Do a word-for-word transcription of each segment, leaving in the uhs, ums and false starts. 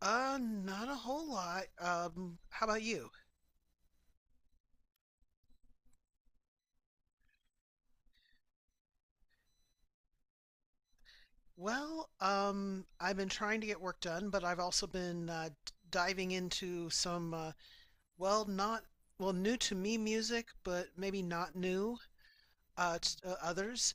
Uh, not a whole lot. Um, how about you? Well, um, I've been trying to get work done, but I've also been uh, d- diving into some, uh, well, not, well, new to me music, but maybe not new uh, t- to uh, others.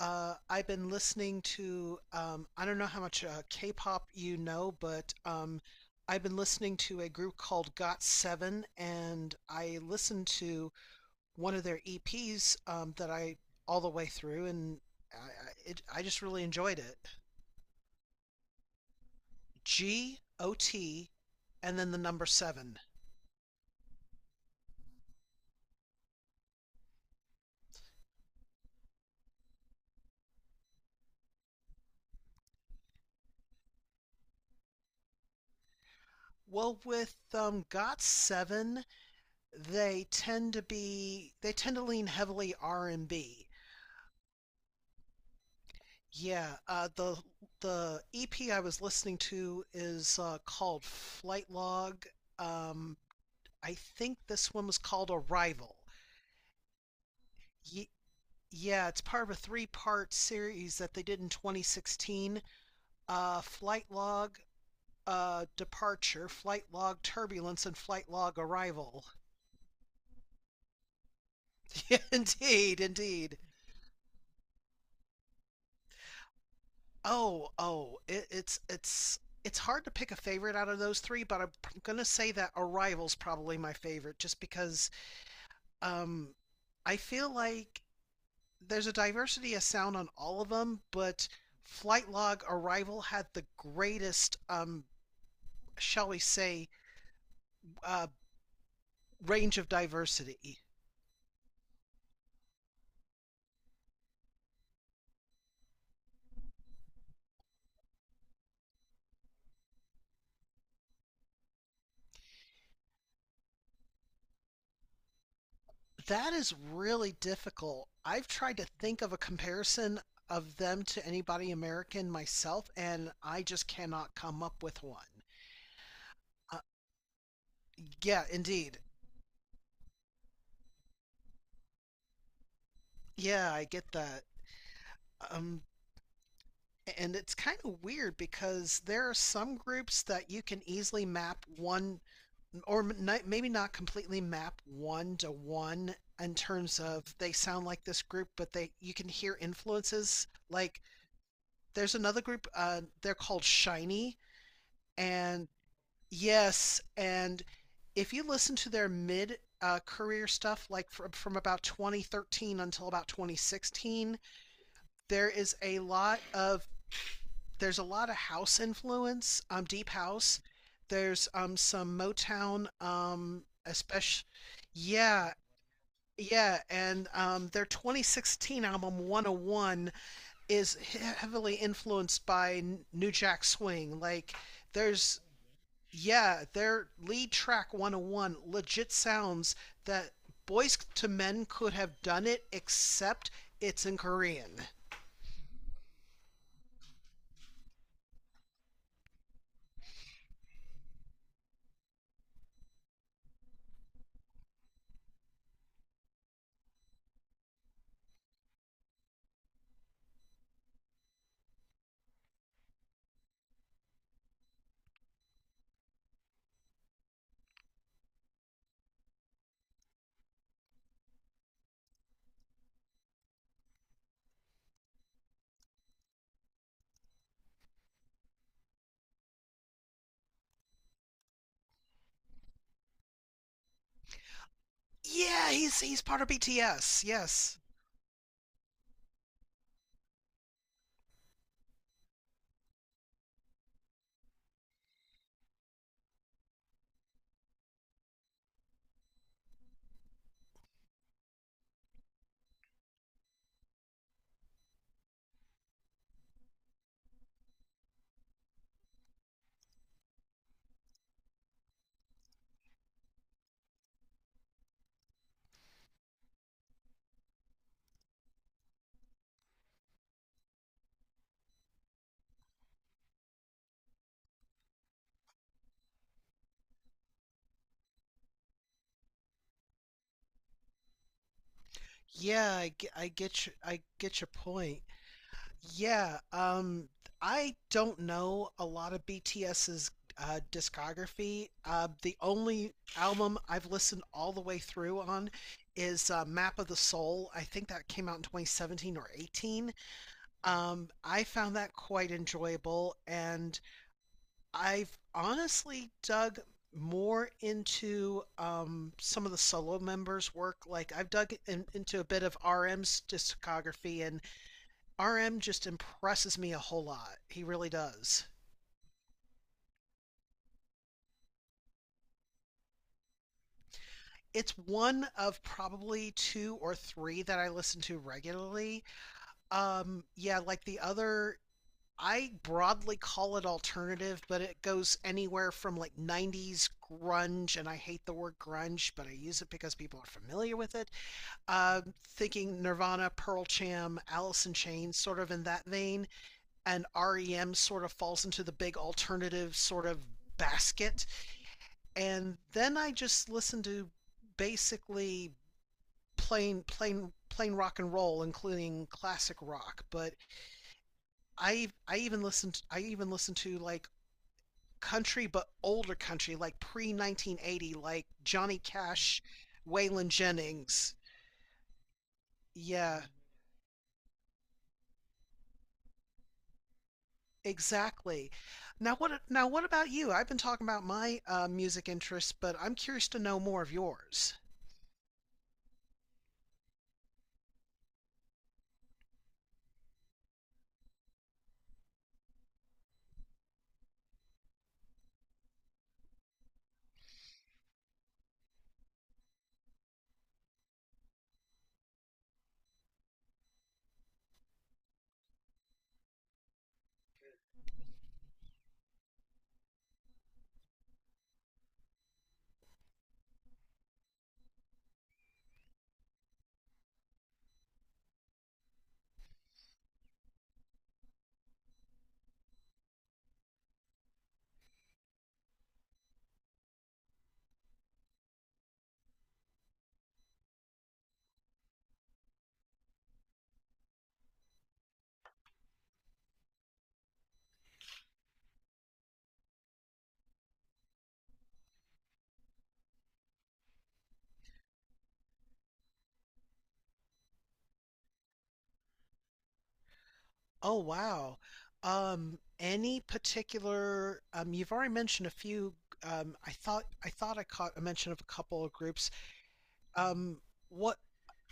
Uh, I've been listening to, um, I don't know how much uh, K-pop you know, but um, I've been listening to a group called Got Seven, and I listened to one of their E Ps um, that I all the way through, and I, it, I just really enjoyed it. G O T, and then the number seven. Well, with um, Got Seven, they tend to be they tend to lean heavily R and B. Yeah, uh, the the E P I was listening to is uh, called Flight Log. Um, I think this one was called Arrival. Ye- yeah, it's part of a three part series that they did in twenty sixteen, uh, Flight Log uh, Departure, Flight Log Turbulence, and Flight Log Arrival. Indeed, indeed. Oh, oh, it, it's, it's, it's hard to pick a favorite out of those three, but I'm gonna say that Arrival's probably my favorite, just because um, I feel like there's a diversity of sound on all of them, but Flight Log Arrival had the greatest, um, shall we say, uh, range of diversity. That is really difficult. I've tried to think of a comparison of them to anybody American myself, and I just cannot come up with one. Uh, yeah, indeed. Yeah, I get that. Um, and it's kind of weird because there are some groups that you can easily map one or maybe not completely map one to one in terms of they sound like this group, but they you can hear influences. Like there's another group, uh, they're called Shiny, and yes, and if you listen to their mid uh, career stuff, like from, from about twenty thirteen until about twenty sixteen, there is a lot of there's a lot of house influence, um, deep house. There's um some Motown, um, especially, yeah, yeah, and um, their twenty sixteen album one oh one is heavily influenced by N- New Jack Swing. Like, there's Yeah, their lead track one oh one legit sounds that Boys to Men could have done it, except it's in Korean. Yeah, he's he's part of B T S. Yes. Yeah, I, ge- I get you, I get your point. Yeah, um, I don't know a lot of BTS's uh, discography. Uh, the only album I've listened all the way through on is uh, Map of the Soul. I think that came out in twenty seventeen or eighteen. Um, I found that quite enjoyable, and I've honestly dug more into um, some of the solo members' work. Like I've dug in, into a bit of R M's discography, and R M just impresses me a whole lot. He really does. It's one of probably two or three that I listen to regularly. Um, yeah, like the other, I broadly call it alternative, but it goes anywhere from like nineties grunge, and I hate the word grunge, but I use it because people are familiar with it. Uh, Thinking Nirvana, Pearl Jam, Alice in Chains, sort of in that vein, and R E M sort of falls into the big alternative sort of basket. And then I just listened to basically plain plain plain rock and roll, including classic rock. But I I even listened I even listened to like country, but older country, like pre nineteen eighty, like Johnny Cash, Waylon Jennings. Yeah, exactly. Now what now what about you? I've been talking about my uh, music interests, but I'm curious to know more of yours. Oh wow. Um, any particular um, you've already mentioned a few, um, I thought I thought I caught a mention of a couple of groups. Um, what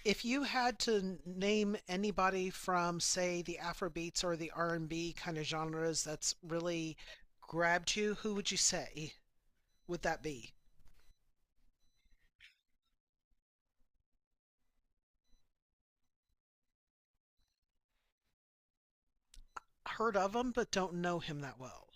if you had to n- name anybody from say the Afrobeats or the R and B kind of genres that's really grabbed you, who would you say would that be? Heard of him, but don't know him that well.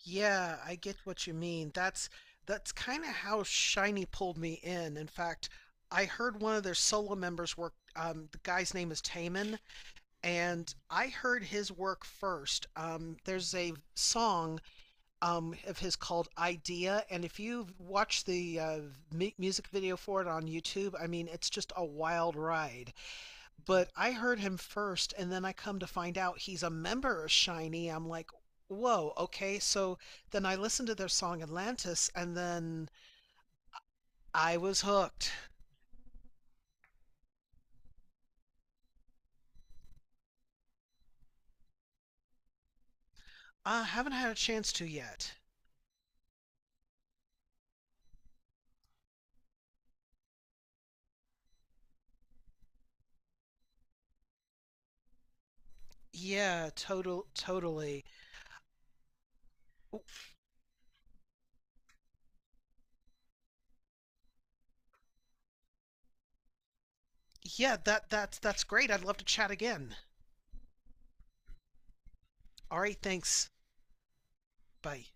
Yeah, I get what you mean. That's that's kind of how Shiny pulled me in. In fact, I heard one of their solo members work. Um, the guy's name is Taman, and I heard his work first. Um, there's a song um, of his called "Idea," and if you watch the uh, mu- music video for it on YouTube, I mean, it's just a wild ride, but I heard him first, and then I come to find out he's a member of Shiny. I'm like, whoa, okay. So then I listened to their song Atlantis, and then I was hooked. I haven't had a chance to yet. Yeah, total, totally. Yeah, that that's that's great. I'd love to chat again. All right, thanks. Bye.